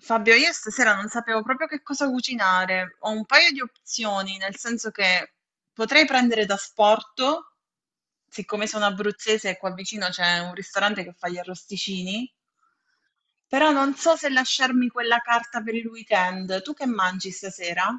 Fabio, io stasera non sapevo proprio che cosa cucinare. Ho un paio di opzioni, nel senso che potrei prendere da sporto, siccome sono abruzzese e qua vicino c'è un ristorante che fa gli arrosticini, però non so se lasciarmi quella carta per il weekend. Tu che mangi stasera?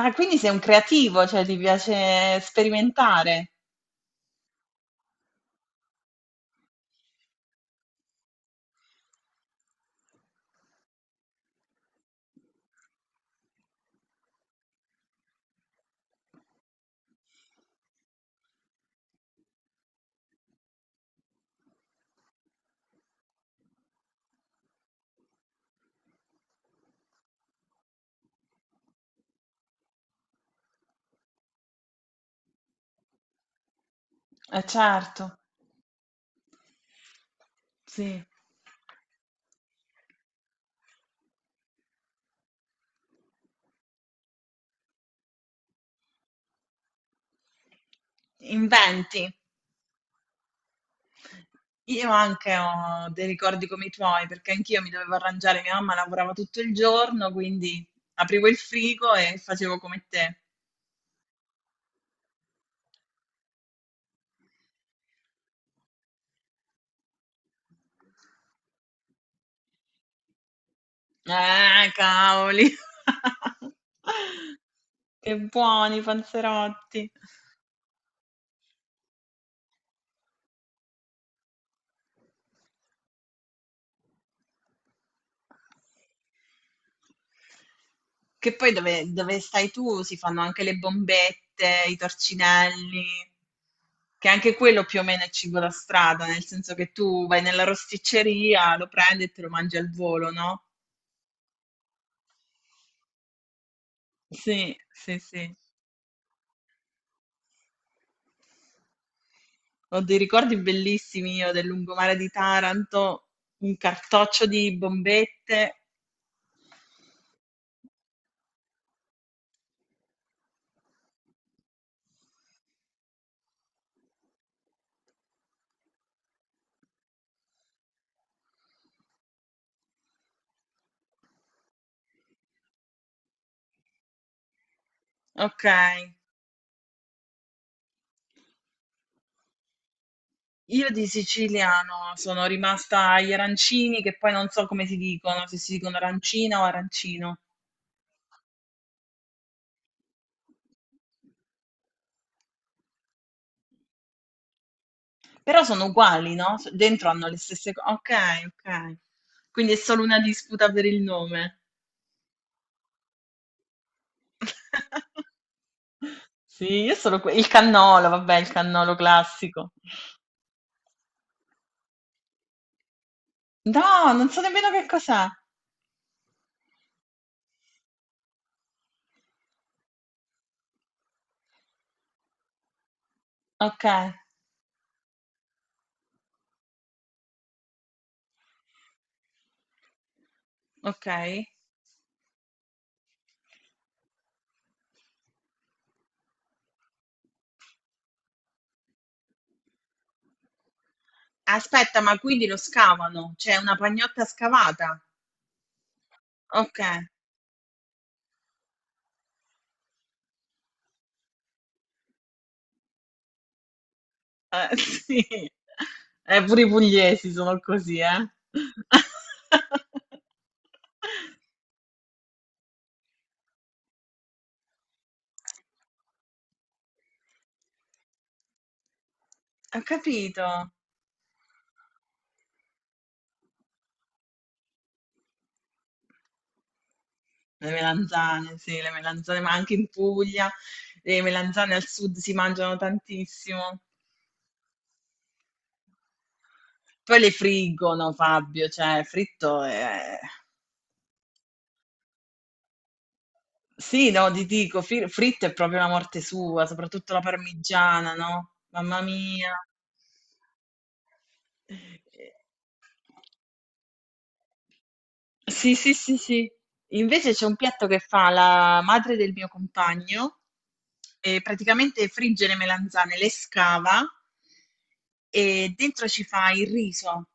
Ah, quindi sei un creativo, cioè ti piace sperimentare. Eh certo, sì. Inventi. Io anche ho dei ricordi come i tuoi, perché anch'io mi dovevo arrangiare, mia mamma lavorava tutto il giorno, quindi aprivo il frigo e facevo come te. Cavoli! Che buoni i panzerotti! Che poi dove stai tu si fanno anche le bombette, i torcinelli, che anche quello più o meno è cibo da strada, nel senso che tu vai nella rosticceria, lo prendi e te lo mangi al volo, no? Sì, sì, sì. Ho dei ricordi bellissimi io del lungomare di Taranto, un cartoccio di bombette. Ok. Io di siciliano sono rimasta agli arancini, che poi non so come si dicono, se si dicono arancina o arancino, però sono uguali, no? Dentro hanno le stesse cose. Ok, ok. Quindi è solo una disputa per il nome. Sì, io sono il cannolo, vabbè, il cannolo classico. No, non so nemmeno che cos'è. Ok, ok. Aspetta, ma quindi lo scavano? C'è una pagnotta scavata? Ok. Sì, pure i pugliesi sono così, eh. Ho capito. Le melanzane, sì, le melanzane, ma anche in Puglia le melanzane al sud si mangiano tantissimo. Poi le friggono, Fabio, cioè fritto è... Sì, no, ti dico, fritto è proprio la morte sua, soprattutto la parmigiana, no? Mamma mia. Sì, sì, sì, sì. Invece c'è un piatto che fa la madre del mio compagno e praticamente frigge le melanzane, le scava e dentro ci fa il riso.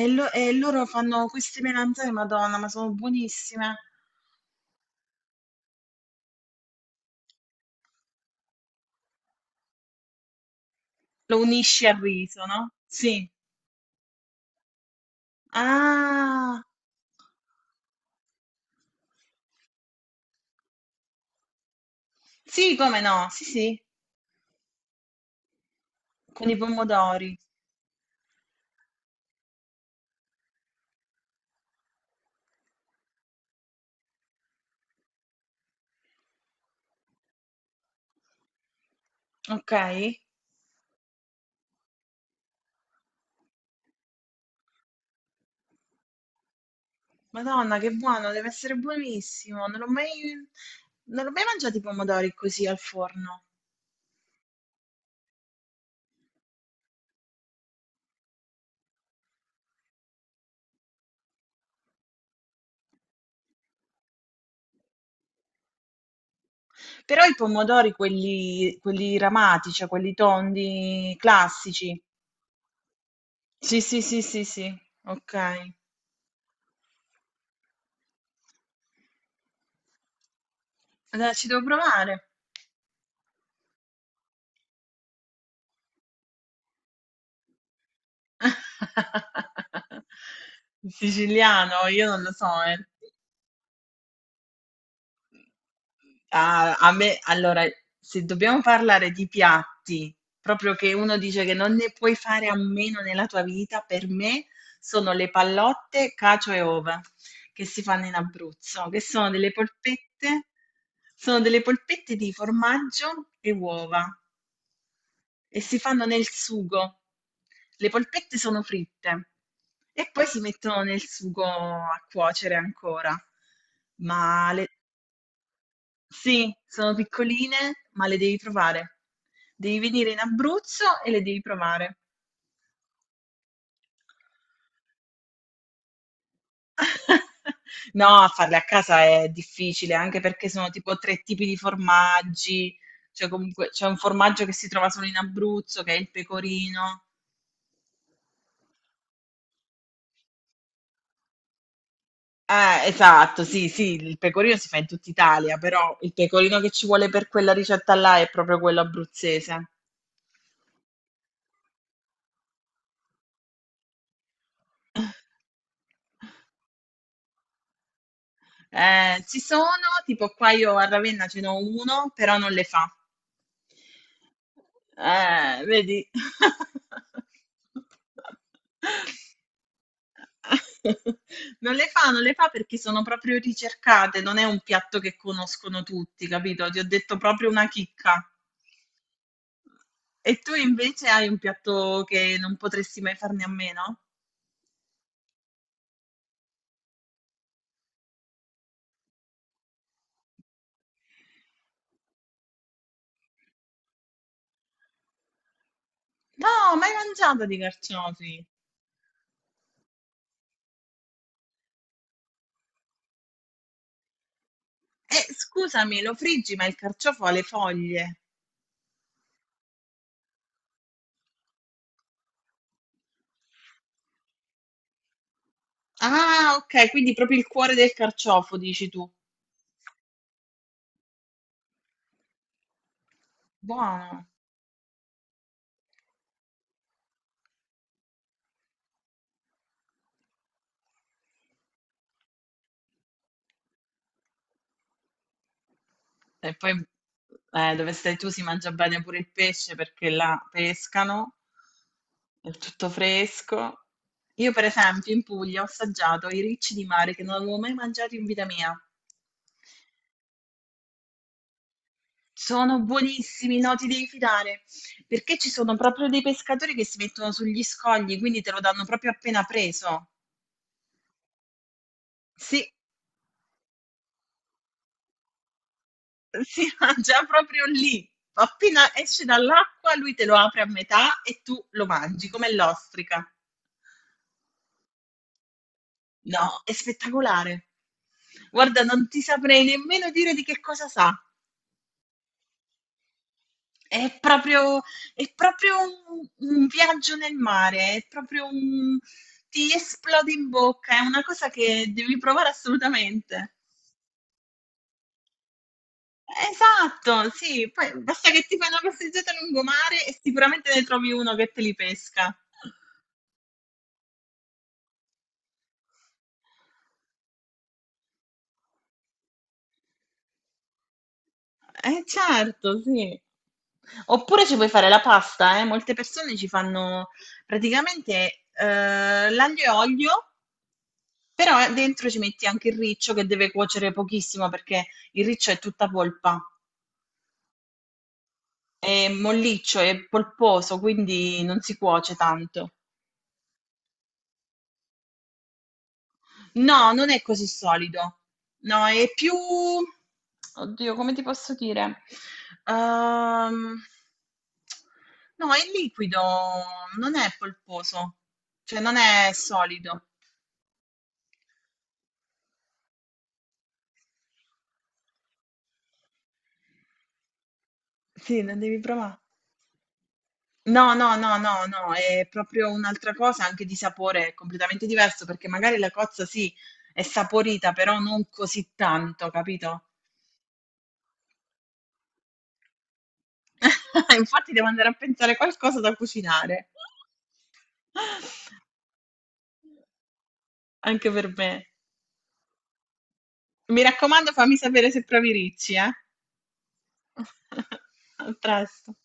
E, e loro fanno queste melanzane, Madonna, ma sono buonissime. Lo unisci al riso, no? Sì. Ah, sì, come no? Sì, sì, con i pomodori. Ok. Madonna, che buono, deve essere buonissimo. Non ho mai, non ho mai mangiato i pomodori così al forno. Però i pomodori, quelli, quelli ramati, cioè quelli tondi classici. Sì, sì, sì, sì, sì. Ok, allora ci devo provare. Siciliano, io non lo so, eh. A me, allora, se dobbiamo parlare di piatti, proprio che uno dice che non ne puoi fare a meno nella tua vita, per me sono le pallotte, cacio e ova che si fanno in Abruzzo, che sono delle polpette di formaggio e uova e si fanno nel sugo. Le polpette sono fritte e poi si mettono nel sugo a cuocere ancora. Ma le, sì, sono piccoline, ma le devi provare. Devi venire in Abruzzo e le devi provare. No, farle a casa è difficile, anche perché sono tipo tre tipi di formaggi, cioè comunque c'è un formaggio che si trova solo in Abruzzo, che è il pecorino. Esatto, sì, sì, il pecorino si fa in tutta Italia, però il pecorino che ci vuole per quella ricetta là è proprio quello abruzzese. Ci sono, tipo qua io a Ravenna ce n'ho uno, però non le fa. Vedi? Non le fa, non le fa perché sono proprio ricercate, non è un piatto che conoscono tutti, capito? Ti ho detto proprio una chicca. E tu invece hai un piatto che non potresti mai farne a meno? No, mai mangiato di carciofi. Scusami, lo friggi, ma il carciofo ha le foglie. Ah, ok, quindi proprio il cuore del carciofo, dici tu. Buono. E poi dove stai tu si mangia bene pure il pesce perché là pescano, è tutto fresco. Io, per esempio, in Puglia ho assaggiato i ricci di mare che non avevo mai mangiato in vita mia. Sono buonissimi, no, ti devi fidare, perché ci sono proprio dei pescatori che si mettono sugli scogli, quindi te lo danno proprio appena preso. Sì, si mangia proprio lì. Appena esce dall'acqua, lui te lo apre a metà e tu lo mangi come l'ostrica. No, è spettacolare. Guarda, non ti saprei nemmeno dire di che cosa sa. È proprio, è proprio un viaggio nel mare, è proprio un... ti esplode in bocca, è una cosa che devi provare assolutamente. Esatto, sì, poi basta che ti fai una passeggiata lungomare e sicuramente ne trovi uno che te li pesca. Eh certo, sì. Oppure ci puoi fare la pasta, eh. Molte persone ci fanno praticamente l'aglio e olio, però dentro ci metti anche il riccio che deve cuocere pochissimo perché il riccio è tutta polpa, è molliccio, è polposo, quindi non si cuoce tanto. No, non è così solido. No, è più oddio, come ti posso dire? Ehm, no, è liquido, non è polposo, cioè non è solido. Sì, non devi provare. No, no, no, no, no, è proprio un'altra cosa, anche di sapore è completamente diverso, perché magari la cozza sì, è saporita, però non così tanto, capito? Infatti devo andare a pensare qualcosa da cucinare. Anche per me. Mi raccomando, fammi sapere se provi Ricci, eh. A presto.